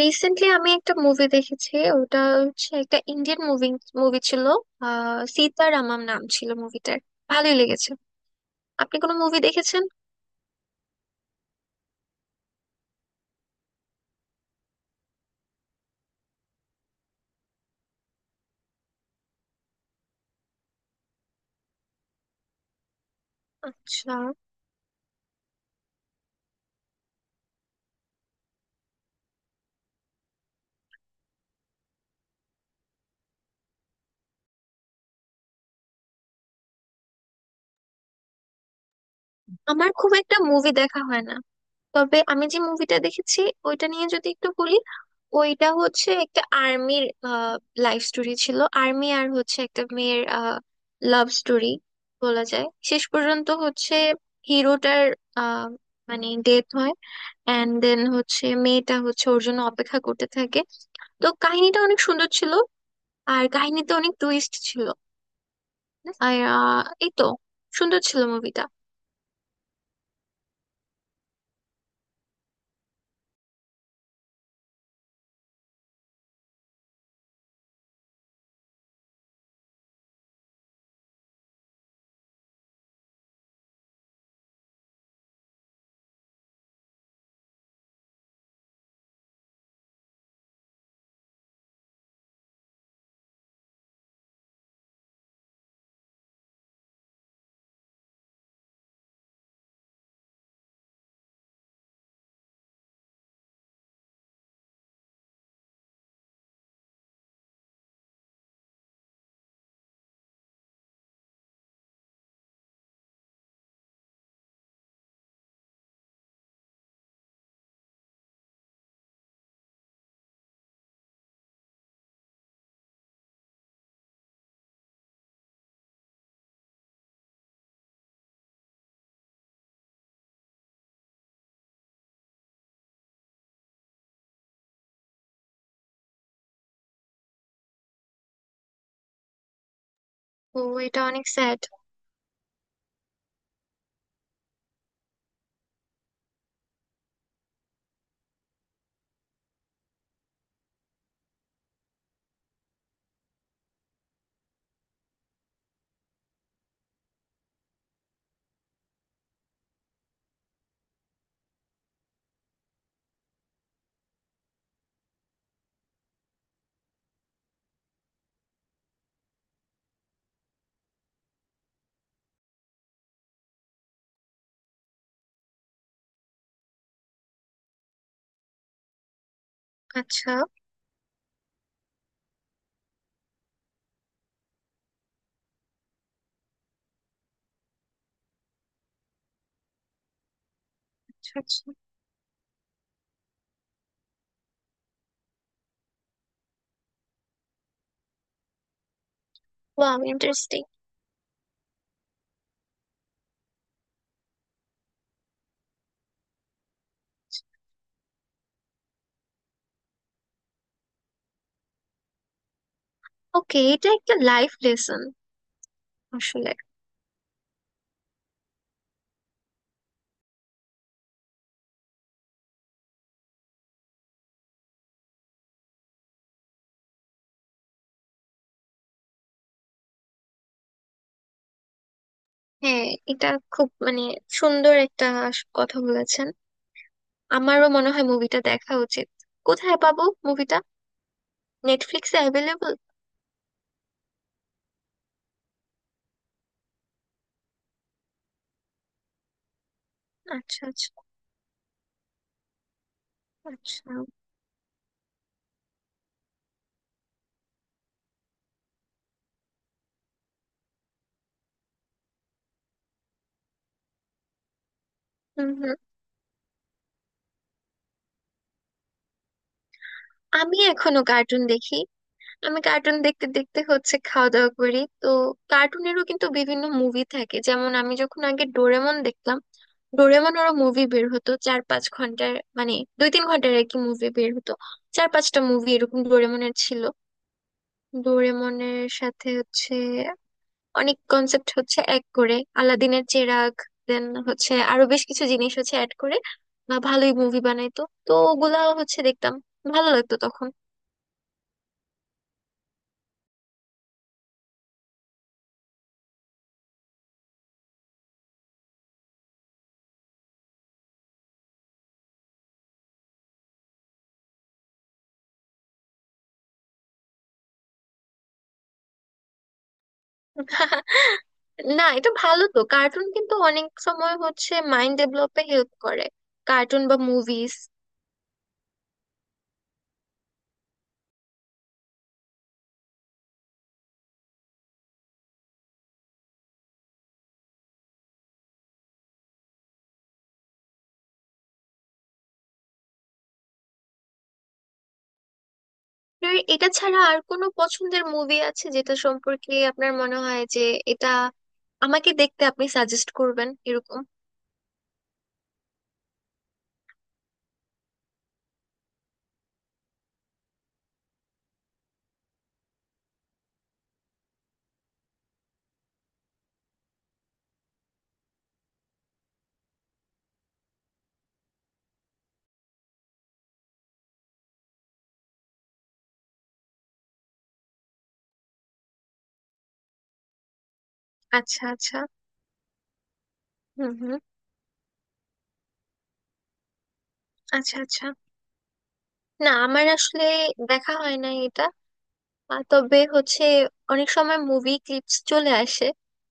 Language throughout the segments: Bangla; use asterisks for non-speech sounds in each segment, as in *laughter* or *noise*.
রিসেন্টলি আমি একটা মুভি দেখেছি। ওটা হচ্ছে একটা ইন্ডিয়ান মুভি। মুভি ছিল আহ সীতারামম নাম ছিল মুভিটার। ভালোই লেগেছে। আপনি কোনো মুভি দেখেছেন? আচ্ছা, আমার খুব একটা মুভি দেখা হয় না, তবে আমি যে মুভিটা দেখেছি ওইটা নিয়ে যদি একটু বলি। ওইটা হচ্ছে একটা আর্মির লাইফ স্টোরি ছিল, আর্মি আর হচ্ছে একটা মেয়ের লাভ স্টোরি বলা যায়। শেষ পর্যন্ত হচ্ছে হিরোটার আহ, মানে ডেথ হয়, অ্যান্ড দেন হচ্ছে মেয়েটা হচ্ছে ওর জন্য অপেক্ষা করতে থাকে। তো কাহিনীটা অনেক সুন্দর ছিল, আর কাহিনীতে অনেক টুইস্ট ছিল। আর এই তো, সুন্দর ছিল মুভিটা। তো এটা অনেক স্যাড। আচ্ছা আচ্ছা। আচ্ছা। Wow, interesting. ওকে, এটা একটা লাইফ লেসন আসলে। হ্যাঁ, এটা খুব মানে সুন্দর একটা কথা বলেছেন। আমারও মনে হয় মুভিটা দেখা উচিত। কোথায় পাবো মুভিটা? নেটফ্লিক্সে অ্যাভেলেবল? আচ্ছা আচ্ছা। আচ্ছা। হুম হুম। আমি এখনো কার্টুন দেখি। আমি কার্টুন দেখতে দেখতে হচ্ছে খাওয়া দাওয়া করি, তো কার্টুনেরও কিন্তু বিভিন্ন মুভি থাকে। যেমন আমি যখন আগে ডোরেমন দেখতাম, ডোরেমন ওর মুভি বের হতো চার পাঁচ ঘন্টার, মানে দুই তিন ঘন্টার আর কি মুভি বের হতো। চার পাঁচটা মুভি এরকম ডোরেমনের ছিল। ডোরেমনের সাথে হচ্ছে অনেক কনসেপ্ট হচ্ছে এক করে, আলাদিনের চেরাগ, দেন হচ্ছে আরো বেশ কিছু জিনিস হচ্ছে অ্যাড করে, বা ভালোই মুভি বানাইতো। তো ওগুলা হচ্ছে দেখতাম, ভালো লাগতো তখন। *laughs* না, এটা ভালো তো। কার্টুন কিন্তু অনেক সময় হচ্ছে মাইন্ড ডেভেলপে হেল্প করে, কার্টুন বা মুভিজ। আপনার এটা ছাড়া আর কোনো পছন্দের মুভি আছে যেটা সম্পর্কে আপনার মনে হয় যে এটা আমাকে দেখতে আপনি সাজেস্ট করবেন এরকম? আচ্ছা আচ্ছা। হুম হুম। আচ্ছা আচ্ছা। না, আমার আসলে দেখা হয় না এটা। তবে হচ্ছে অনেক সময় মুভি ক্লিপস চলে আসে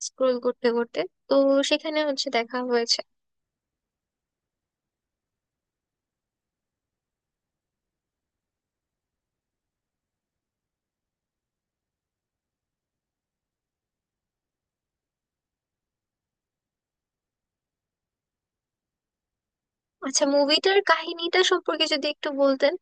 স্ক্রোল করতে করতে, তো সেখানে হচ্ছে দেখা হয়েছে। আচ্ছা, মুভিটার কাহিনীটা সম্পর্কে যদি একটু বলতেন?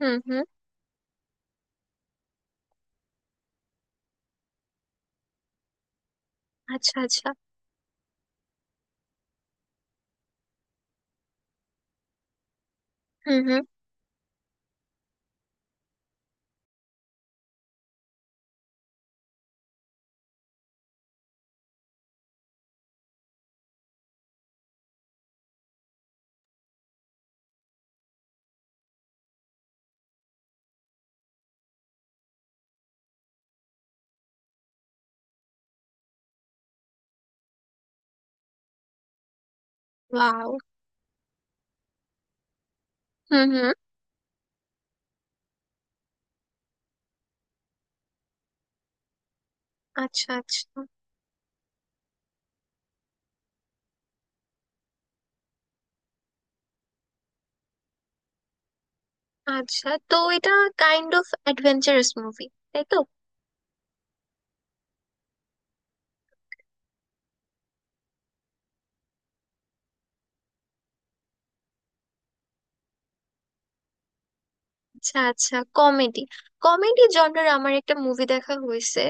হুম হুম। আচ্ছা আচ্ছা। হুম হুম। ওয়াও। হুম হুম। আচ্ছা আচ্ছা। আচ্ছা, তো এটা কাইন্ড অফ অ্যাডভেঞ্চারাস মুভি, তাই তো? আচ্ছা আচ্ছা, কমেডি। কমেডি জনরার আমার একটা মুভি দেখা হয়েছে।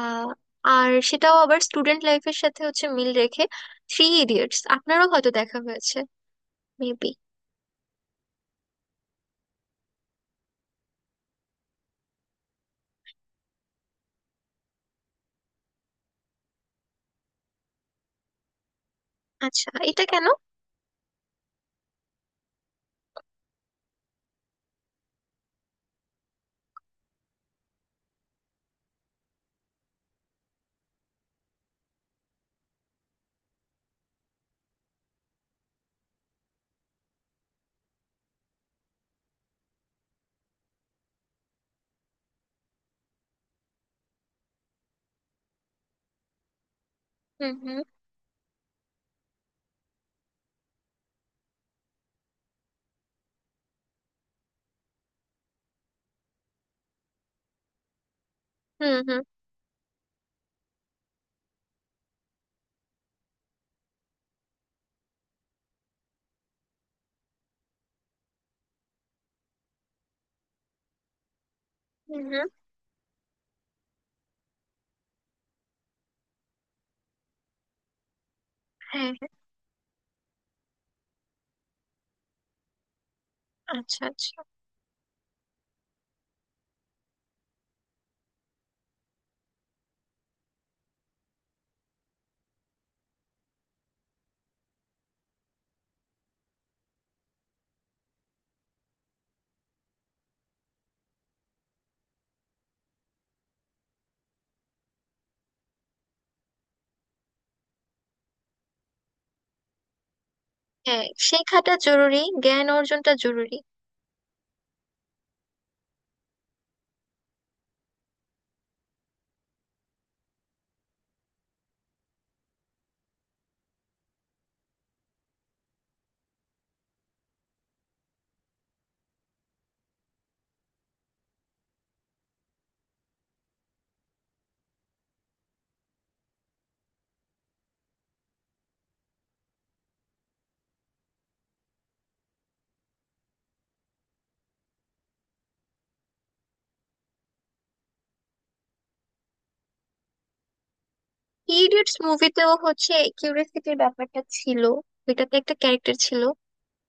আহ আর সেটাও আবার স্টুডেন্ট লাইফের সাথে হচ্ছে মিল রেখে। থ্রি ইডিয়টস, আপনারও হয়তো দেখা হয়েছে মেবি। আচ্ছা, এটা কেন? হুম হুম। হুম হুম। হুম হুম। হ্যাঁ হ্যাঁ। আচ্ছা আচ্ছা। হ্যাঁ, শেখাটা জরুরি, জ্ঞান অর্জনটা জরুরি। ইডিয়টস মুভিতেও হচ্ছে কিউরিয়াসিটির ব্যাপারটা ছিল, এটাতে একটা ক্যারেক্টার ছিল।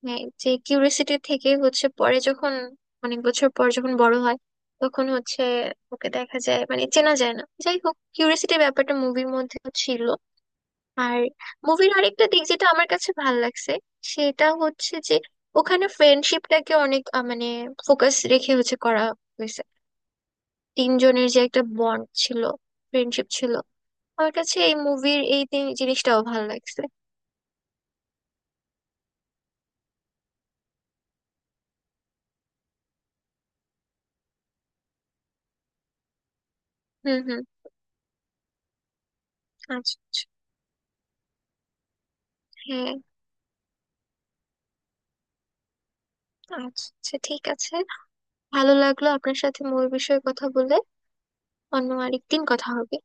হ্যাঁ, যে কিউরিয়াসিটি থেকে হচ্ছে পরে যখন অনেক বছর পর যখন বড় হয়, তখন হচ্ছে ওকে দেখা যায়, মানে চেনা যায় না। যাই হোক, কিউরিয়াসিটির ব্যাপারটা মুভির মধ্যে ছিল। আর মুভির আরেকটা দিক যেটা আমার কাছে ভালো লাগছে, সেটা হচ্ছে যে ওখানে ফ্রেন্ডশিপটাকে অনেক মানে ফোকাস রেখে হচ্ছে করা হয়েছে। তিনজনের যে একটা বন্ড ছিল, ফ্রেন্ডশিপ ছিল। আমার কাছে এই মুভির এই তিন- জিনিসটাও ভালো লাগছে। হুম হুম। আচ্ছা আচ্ছা। হ্যাঁ। আচ্ছা আচ্ছা, ঠিক আছে। ভালো লাগলো আপনার সাথে মুভির বিষয়ে কথা বলে। অন্য আরেকদিন কথা হবে।